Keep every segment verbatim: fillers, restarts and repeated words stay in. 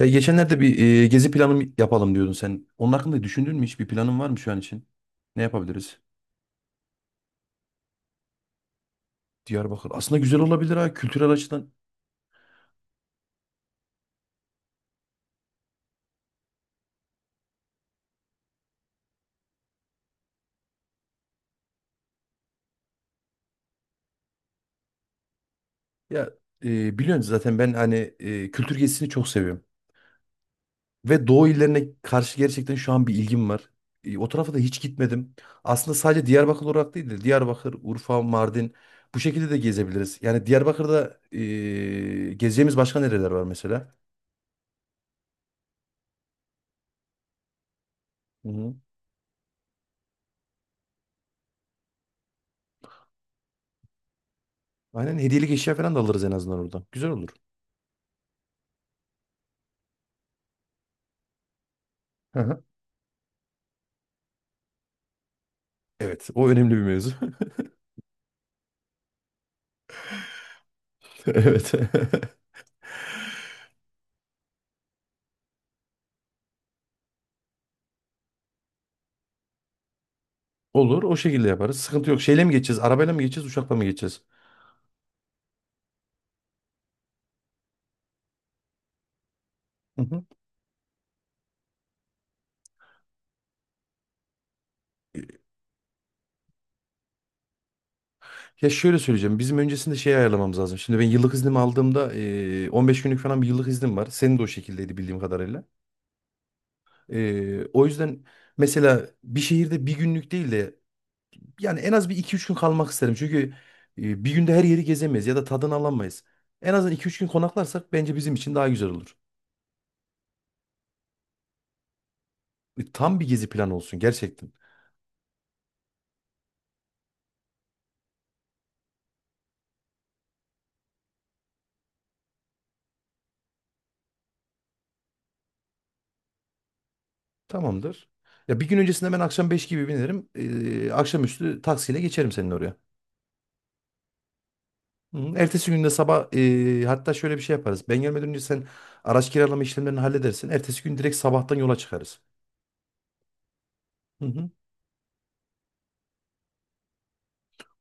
Ya geçenlerde bir e, gezi planı yapalım diyordun sen. Onun hakkında düşündün mü hiç? Bir planın var mı şu an için? Ne yapabiliriz? Diyarbakır. Aslında güzel olabilir ha kültürel açıdan. Ya e, biliyorsun zaten ben hani e, kültür gezisini çok seviyorum. Ve Doğu illerine karşı gerçekten şu an bir ilgim var. E, o tarafa da hiç gitmedim. Aslında sadece Diyarbakır olarak değil de Diyarbakır, Urfa, Mardin bu şekilde de gezebiliriz. Yani Diyarbakır'da e, gezeceğimiz başka nereler var mesela? Hı hı. Aynen hediyelik eşya falan da alırız en azından oradan. Güzel olur. Evet, o önemli bir mevzu. Evet. Olur, o şekilde yaparız. Sıkıntı yok. Şeyle mi geçeceğiz? Arabayla mı geçeceğiz, uçakla mı geçeceğiz? Hı hı. Ya şöyle söyleyeceğim. Bizim öncesinde şey ayarlamamız lazım. Şimdi ben yıllık iznimi aldığımda eee, on beş günlük falan bir yıllık iznim var. Senin de o şekildeydi bildiğim kadarıyla. Eee, o yüzden mesela bir şehirde bir günlük değil de yani en az bir iki üç gün kalmak isterim. Çünkü eee, bir günde her yeri gezemeyiz ya da tadını alamayız. En azından iki üç gün konaklarsak bence bizim için daha güzel olur. E, Tam bir gezi planı olsun gerçekten. Tamamdır. Ya bir gün öncesinde ben akşam beş gibi binerim. Ee, akşamüstü taksiyle geçerim senin oraya. Hı hı. Ertesi günde sabah ee, hatta şöyle bir şey yaparız. Ben gelmeden önce sen araç kiralama işlemlerini halledersin. Ertesi gün direkt sabahtan yola çıkarız. Hı hı.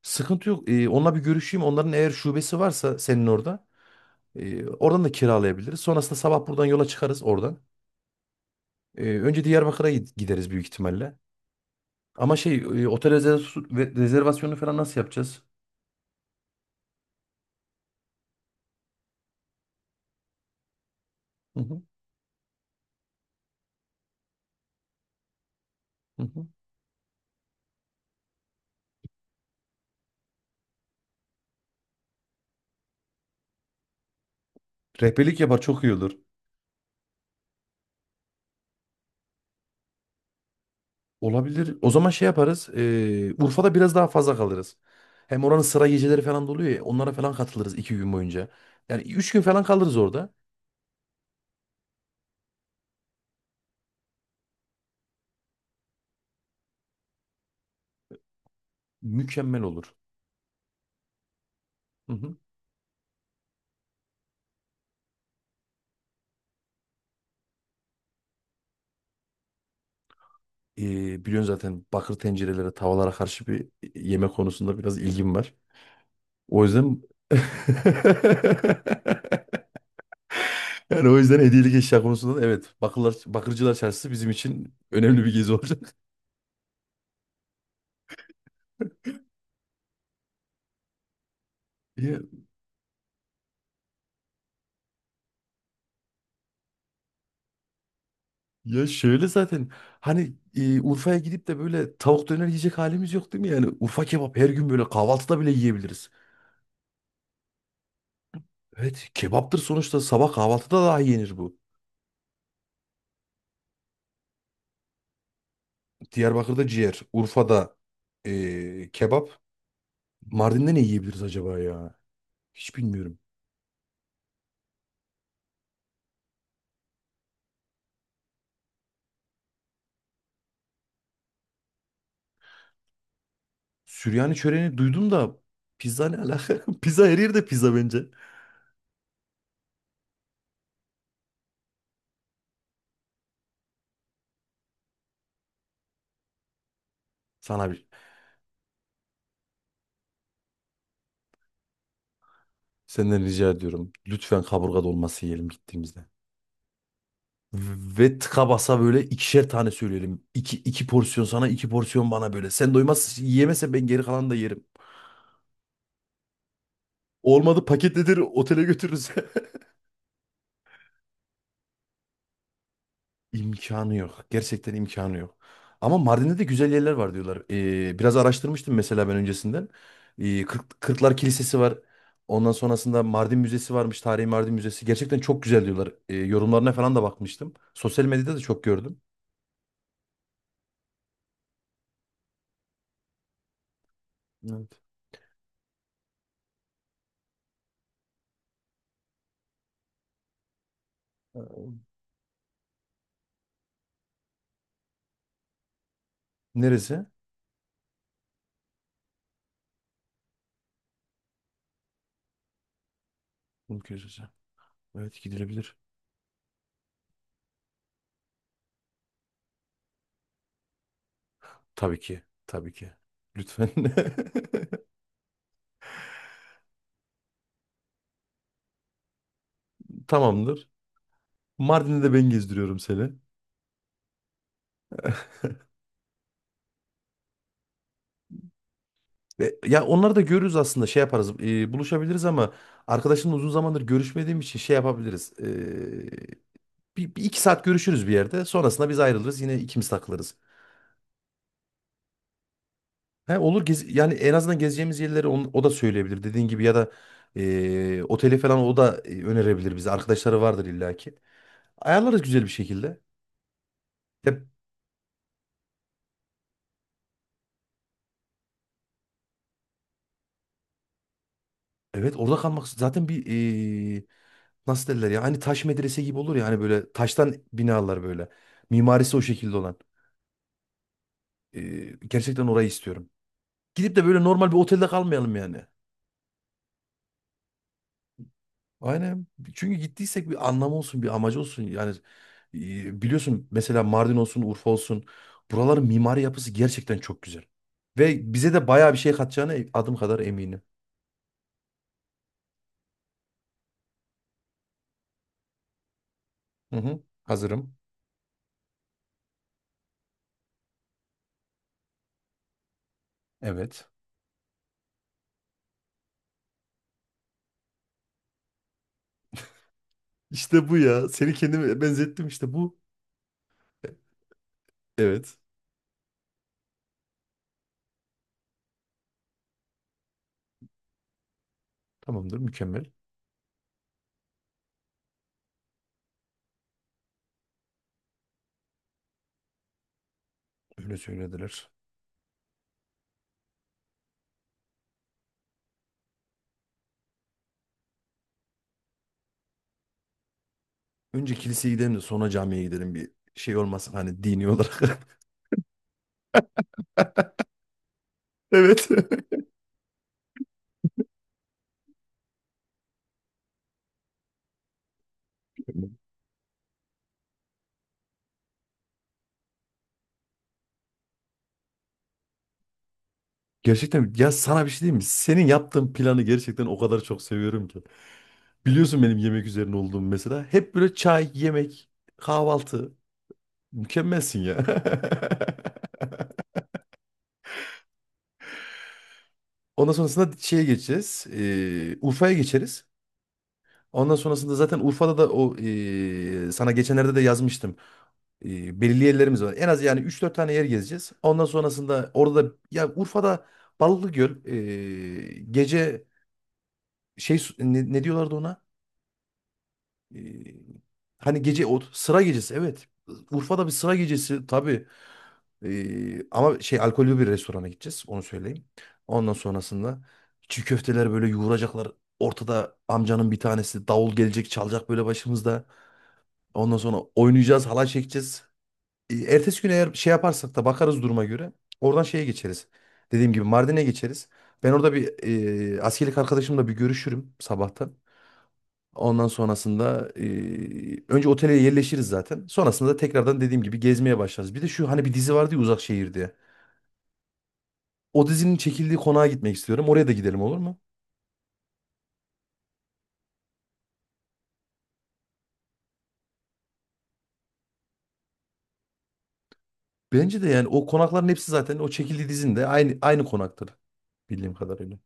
Sıkıntı yok. Ee, onunla bir görüşeyim. Onların eğer şubesi varsa senin orada ee, oradan da kiralayabiliriz. Sonrasında sabah buradan yola çıkarız oradan. Ee, önce Diyarbakır'a gid- gideriz büyük ihtimalle. Ama şey ee, otel rezervas- ve- rezervasyonu falan nasıl yapacağız? Hı hı. Hı hı. Rehberlik yapar, çok iyi olur. Olabilir. O zaman şey yaparız. eee, Urfa'da biraz daha fazla kalırız. Hem oranın sıra geceleri falan da oluyor ya. Onlara falan katılırız iki gün boyunca. Yani üç gün falan kalırız orada. Mükemmel olur. Hı hı. Eee biliyorsun zaten bakır tencerelere, tavalara karşı bir yeme konusunda biraz ilgim var. O yüzden... Yani o yüzden hediyelik eşya konusunda da evet. Bakırlar, bakırcılar çarşısı bizim için önemli bir gezi olacak. Ya şöyle zaten hani e, Urfa'ya gidip de böyle tavuk döner yiyecek halimiz yok değil mi? Yani Urfa kebap her gün böyle kahvaltıda bile yiyebiliriz. Evet, kebaptır sonuçta, sabah kahvaltıda daha yenir bu. Diyarbakır'da ciğer, Urfa'da e, kebap. Mardin'de ne yiyebiliriz acaba ya? Hiç bilmiyorum. Süryani çöreğini duydum da pizza ne alaka? Pizza her yerde pizza bence. Sana bir senden rica ediyorum. Lütfen kaburga dolması yiyelim gittiğimizde. Ve tıka basa böyle ikişer tane söyleyelim. İki, iki porsiyon sana, iki porsiyon bana böyle. Sen doymaz yiyemezsen ben geri kalanı da yerim. Olmadı paketledir otele götürürüz. İmkanı yok. Gerçekten imkanı yok. Ama Mardin'de de güzel yerler var diyorlar. Ee, biraz araştırmıştım mesela ben öncesinden. Ee, Kırk- Kırklar Kilisesi var. Ondan sonrasında Mardin Müzesi varmış. Tarihi Mardin Müzesi. Gerçekten çok güzel diyorlar. Ee, yorumlarına falan da bakmıştım. Sosyal medyada da çok gördüm. Evet. Ee, Neresi? Kumköy Sesi. Evet, gidilebilir. Tabii ki. Tabii ki. Lütfen. Tamamdır. Mardin'de de ben gezdiriyorum seni. E, ya onları da görürüz aslında, şey yaparız. E, buluşabiliriz ama arkadaşımla uzun zamandır görüşmediğim için şey yapabiliriz. E, bir, bir iki saat görüşürüz bir yerde. Sonrasında biz ayrılırız. Yine ikimiz takılırız. He, olur gez, yani en azından gezeceğimiz yerleri on- o da söyleyebilir dediğin gibi ya da e, oteli falan o da e, önerebilir bize. Arkadaşları vardır illaki. Ayarlarız güzel bir şekilde. Ya, evet, orada kalmak zaten bir e, nasıl derler ya hani taş medrese gibi olur ya hani böyle taştan binalar böyle. Mimarisi o şekilde olan. Ee, Gerçekten orayı istiyorum. Gidip de böyle normal bir otelde kalmayalım yani. Aynen. Çünkü gittiysek bir anlamı olsun, bir amacı olsun. Yani e, biliyorsun mesela Mardin olsun, Urfa olsun. Buraların mimari yapısı gerçekten çok güzel. Ve bize de bayağı bir şey katacağına adım kadar eminim. Hı hı. Hazırım. Evet. İşte bu ya. Seni kendime benzettim, işte bu. e, Evet. Tamamdır, mükemmel. Öyle söylediler. Önce kiliseye gidelim de sonra camiye gidelim, bir şey olmasın hani dini olarak. Evet. Gerçekten ya, sana bir şey diyeyim mi? Senin yaptığın planı gerçekten o kadar çok seviyorum ki. Biliyorsun benim yemek üzerine olduğum mesela. Hep böyle çay, yemek, kahvaltı. Mükemmelsin ya. Ondan sonrasında şeye geçeceğiz. Ee, Urfa'ya geçeriz. Ondan sonrasında zaten Urfa'da da o ee, sana geçenlerde de yazmıştım. E, belirli yerlerimiz var. En az yani üç dört tane yer gezeceğiz. Ondan sonrasında orada da- ya Urfa'da Balıklıgöl e, gece şey su- ne, ne diyorlardı ona? E, Hani gece o sıra gecesi, evet. Urfa'da bir sıra gecesi tabii. E, ama şey, alkollü bir restorana gideceğiz, onu söyleyeyim. Ondan sonrasında çiğ köfteler böyle yoğuracaklar. Ortada amcanın bir tanesi davul gelecek çalacak böyle başımızda. Ondan sonra oynayacağız, halay çekeceğiz. E, Ertesi gün eğer şey yaparsak da bakarız duruma göre. Oradan şeye geçeriz. Dediğim gibi Mardin'e geçeriz. Ben orada bir e, askerlik arkadaşımla bir görüşürüm sabahtan. Ondan sonrasında e, önce otele yerleşiriz zaten. Sonrasında da tekrardan dediğim gibi gezmeye başlarız. Bir de şu, hani bir dizi vardı ya, Uzak Şehir diye. O dizinin çekildiği konağa gitmek istiyorum. Oraya da gidelim, olur mu? Bence de yani o konakların hepsi zaten o çekildiği dizinin de aynı aynı konaktır bildiğim kadarıyla.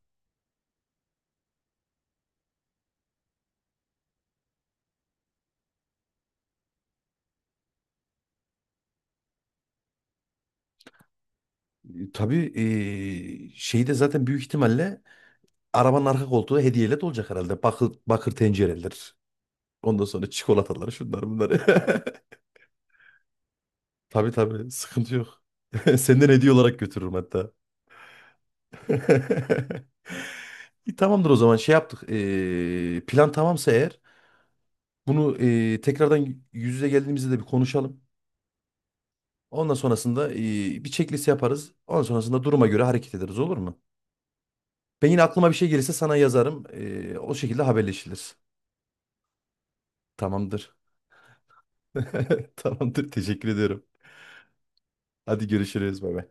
E, Tabii, e, şeyde zaten büyük ihtimalle arabanın arka koltuğu hediyeyle dolacak herhalde. Bakır, bakır tencereler. Ondan sonra çikolataları, şunlar bunları. Tabii tabii, sıkıntı yok. Senden hediye olarak götürürüm hatta. İyi, tamamdır. O zaman şey yaptık. Ee, plan tamamsa eğer bunu ee, tekrardan yüz yüze geldiğimizde de bir konuşalım. Ondan sonrasında ee, bir checklist yaparız. Ondan sonrasında duruma göre hareket ederiz, olur mu? Ben yine aklıma bir şey gelirse sana yazarım. Ee, o şekilde haberleşiriz. Tamamdır. Tamamdır. Teşekkür ediyorum. Hadi görüşürüz. Bay bay.